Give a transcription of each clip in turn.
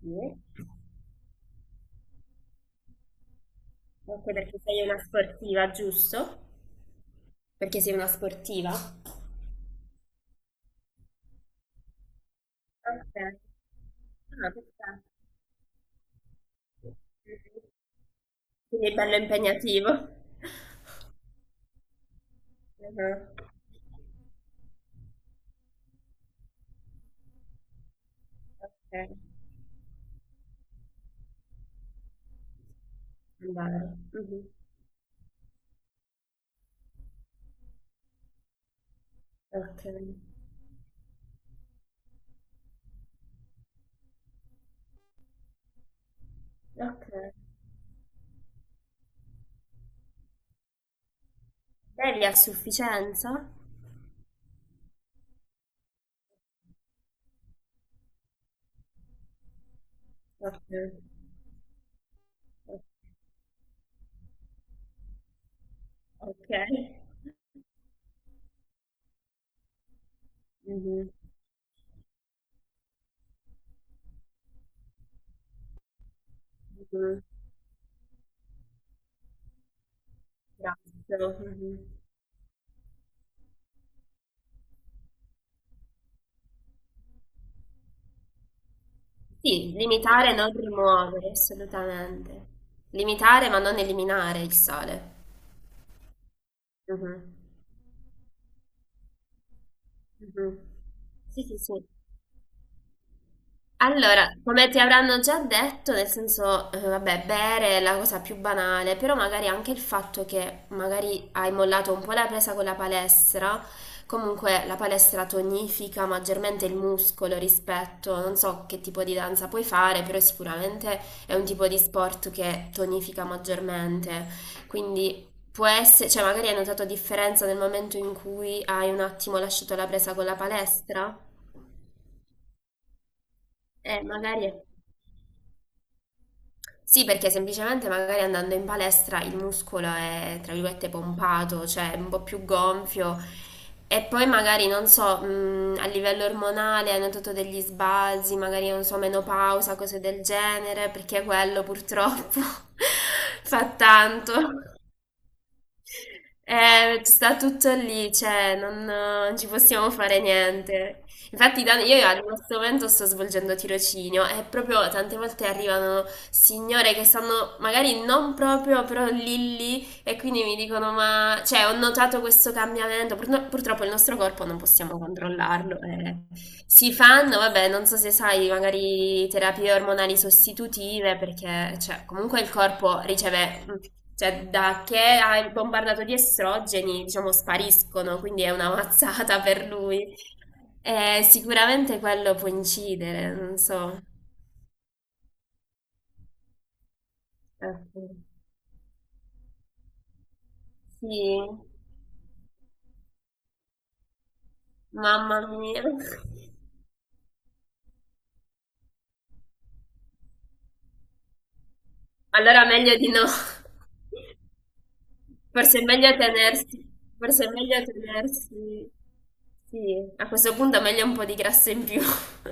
Sì. Anche perché sei una sportiva, giusto? Perché sei una sportiva? Ok. Ah, perfetto. Quindi è bello impegnativo. Mhm. Ok. Andare. Mhm. Ok. Ok. Bevi a sufficienza? Ok. Ok. Mhm. Mhm. Grazie. Mhm. Sì, limitare, non rimuovere, assolutamente. Limitare ma non eliminare il sale. Mhm. Mh-mh. Sì, sì, sì. Allora, come ti avranno già detto, nel senso, vabbè, bere è la cosa più banale, però magari anche il fatto che magari hai mollato un po' la presa con la palestra, comunque la palestra tonifica maggiormente il muscolo rispetto, non so che tipo di danza puoi fare, però sicuramente è un tipo di sport che tonifica maggiormente. Quindi può essere, cioè magari hai notato differenza nel momento in cui hai un attimo lasciato la presa con la palestra? Eh, magari è- Sì, perché semplicemente magari andando in palestra il muscolo è, tra virgolette, pompato, cioè è un po' più gonfio e poi magari, non so, a livello ormonale hanno notato degli sbalzi, magari, non so, menopausa, cose del genere, perché quello purtroppo fa tanto. Sta tutto lì, cioè non ci possiamo fare niente. Infatti, io al questo momento sto svolgendo tirocinio e proprio tante volte arrivano signore che stanno magari non proprio, però lì lì e quindi mi dicono, ma cioè, ho notato questo cambiamento. Purtroppo il nostro corpo non possiamo controllarlo. Si fanno, vabbè, non so se sai, magari terapie ormonali sostitutive, perché cioè, comunque il corpo riceve, cioè, da che è bombardato di estrogeni, diciamo, spariscono, quindi è una mazzata per lui. Sicuramente quello può incidere, non so. Ecco. Sì, mamma mia. Allora meglio di no. Forse è meglio tenersi, forse è meglio tenersi, sì, a questo punto è meglio un po' di grasso in più,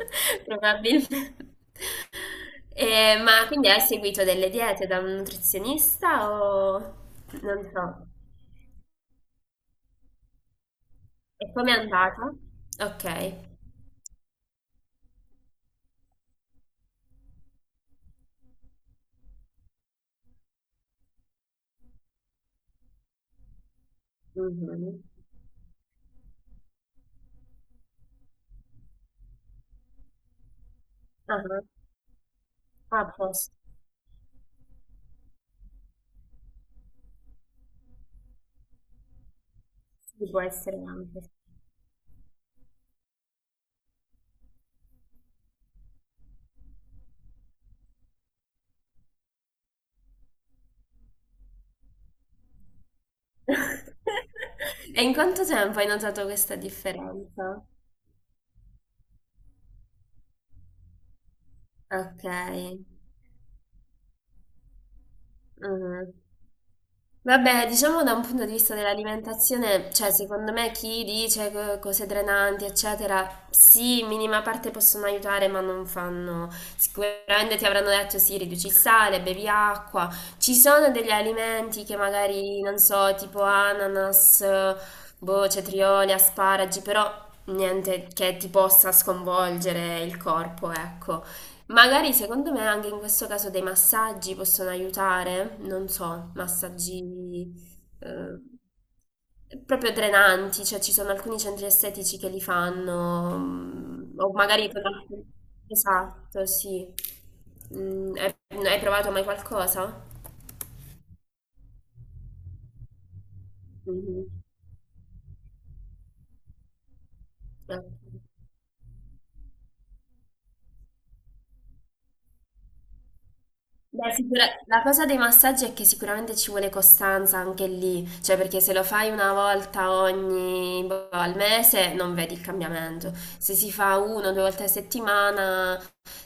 probabilmente. Ma quindi hai seguito delle diete da un nutrizionista o non so? E come è andata? Ok. Mhm. Ah, ah, posso. Sì, può essere anche. E in quanto tempo hai notato questa differenza? Ok. Mm. Vabbè, diciamo da un punto di vista dell'alimentazione, cioè secondo me chi dice cose drenanti, eccetera, sì, in minima parte possono aiutare, ma non fanno. Sicuramente ti avranno detto sì, riduci il sale, bevi acqua. Ci sono degli alimenti che magari, non so, tipo ananas, boh, cetrioli, asparagi, però niente che ti possa sconvolgere il corpo, ecco. Magari secondo me anche in questo caso dei massaggi possono aiutare, non so, massaggi proprio drenanti, cioè ci sono alcuni centri estetici che li fanno, o magari con alcuni. Esatto, sì. Mm, hai, hai provato mai qualcosa? Mhm. Ok. Beh, la cosa dei massaggi è che sicuramente ci vuole costanza anche lì, cioè perché se lo fai una volta ogni boh, al mese non vedi il cambiamento. Se si fa uno o due volte a settimana,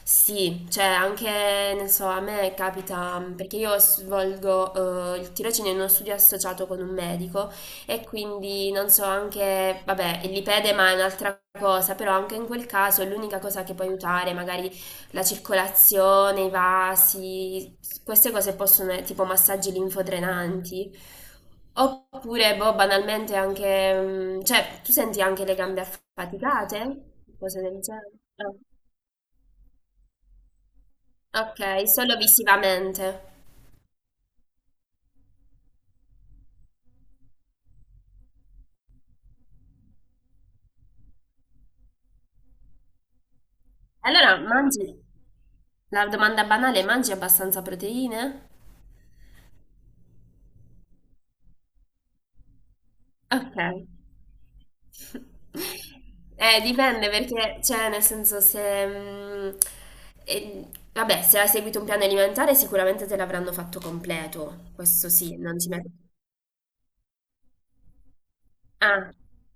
sì, cioè anche, non so, a me capita, perché io svolgo il tirocinio in uno studio associato con un medico e quindi non so anche, vabbè, il lipedema è un'altra cosa, però anche in quel caso l'unica cosa che può aiutare magari la circolazione, i vasi, queste cose possono essere tipo massaggi linfodrenanti. Oppure, boh, banalmente anche, cioè, tu senti anche le gambe affaticate? Cose del genere. Ah, ok, solo visivamente. Allora, mangi, la domanda banale, mangi abbastanza proteine? Okay. Dipende perché, cioè, nel senso, se... mm, e- vabbè, se hai seguito un piano alimentare sicuramente te l'avranno fatto completo, questo sì, non ci metto. Ah,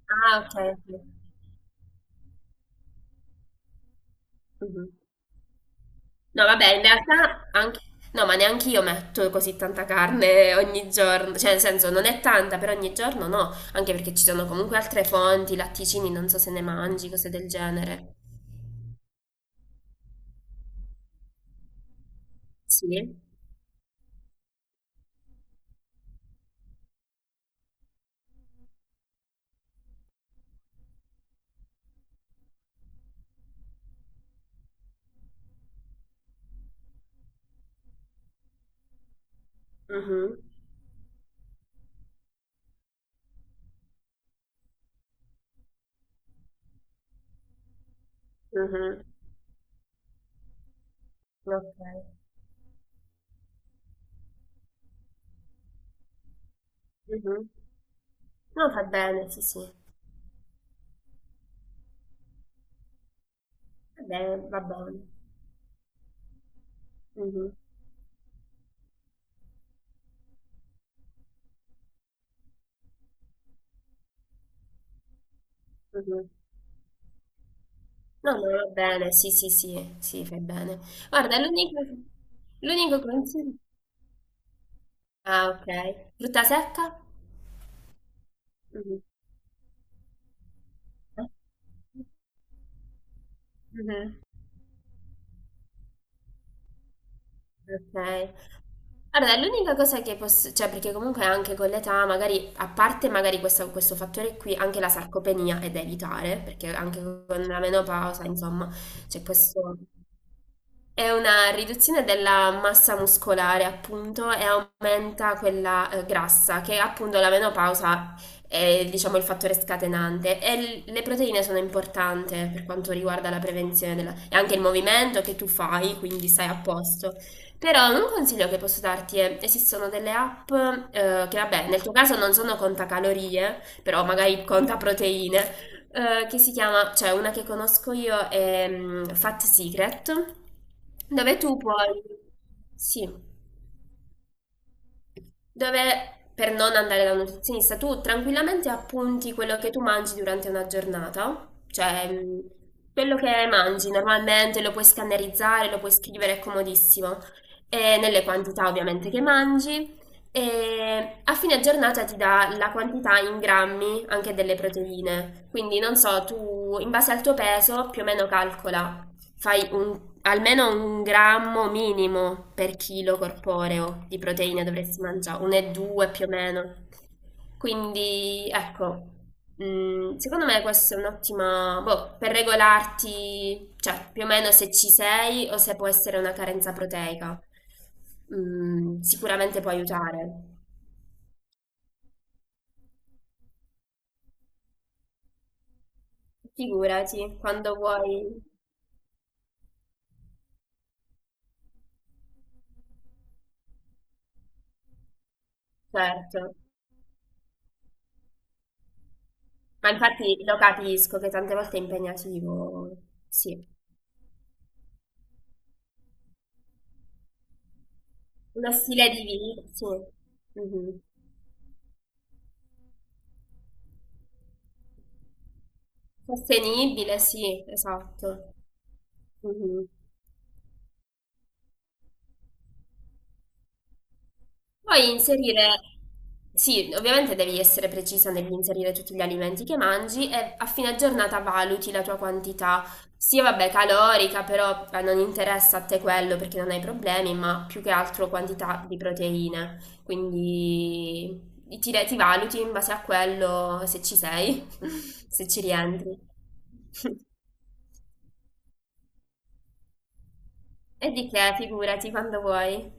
ah, ok. Ok. Mhm. No, vabbè, in realtà anche. No, ma neanche io metto così tanta carne ogni giorno, cioè nel senso non è tanta, però ogni giorno no, anche perché ci sono comunque altre fonti, latticini, non so se ne mangi, cose del genere. Sì. Mhm. Mh-mh. Okay. Mh-mh. No, fa bene, sì, sì. Va bene, va bene. Mh-mh, mh-mh. No, no, va bene, sì, sì, sì, sì, fai bene. Guarda, l'unico consiglio. Ah, okay. Frutta secca? Mh-mh. Mh-mh. Okay. Allora, l'unica cosa che posso cioè perché comunque anche con l'età magari a parte magari questo fattore qui, anche la sarcopenia è da evitare, perché anche con la menopausa, insomma, c'è questo. È una riduzione della massa muscolare, appunto, e aumenta quella grassa, che appunto la menopausa è, diciamo, il fattore scatenante. E le proteine sono importanti per quanto riguarda la prevenzione e anche il movimento che tu fai, quindi stai a posto. Però un consiglio che posso darti è, esistono delle app, che vabbè, nel tuo caso non sono contacalorie, però magari conta proteine, che si chiama, cioè una che conosco io è Fat Secret, dove tu puoi. Sì, dove per non andare da un nutrizionista tu tranquillamente appunti quello che tu mangi durante una giornata, cioè quello che mangi normalmente lo puoi scannerizzare, lo puoi scrivere, è comodissimo, e nelle quantità ovviamente che mangi. E a fine giornata ti dà la quantità in grammi anche delle proteine, quindi non so, tu in base al tuo peso più o meno calcola, fai un almeno un grammo minimo per chilo corporeo di proteine dovresti mangiare, 1,2 più o meno. Quindi, ecco, secondo me questa è un'ottima, boh, per regolarti, cioè più o meno se ci sei o se può essere una carenza proteica. Sicuramente può aiutare. Figurati, quando vuoi, certo. Ma infatti lo capisco che tante volte è impegnativo, sì. Uno stile di vita, sì. Mhm. Sostenibile, sì, esatto. Mhm. Poi inserire, sì, ovviamente devi essere precisa nell'inserire tutti gli alimenti che mangi e a fine giornata valuti la tua quantità, sia vabbè calorica, però non interessa a te quello perché non hai problemi, ma più che altro quantità di proteine. Quindi ti valuti in base a quello se ci sei, se ci rientri. E di che, figurati, quando vuoi.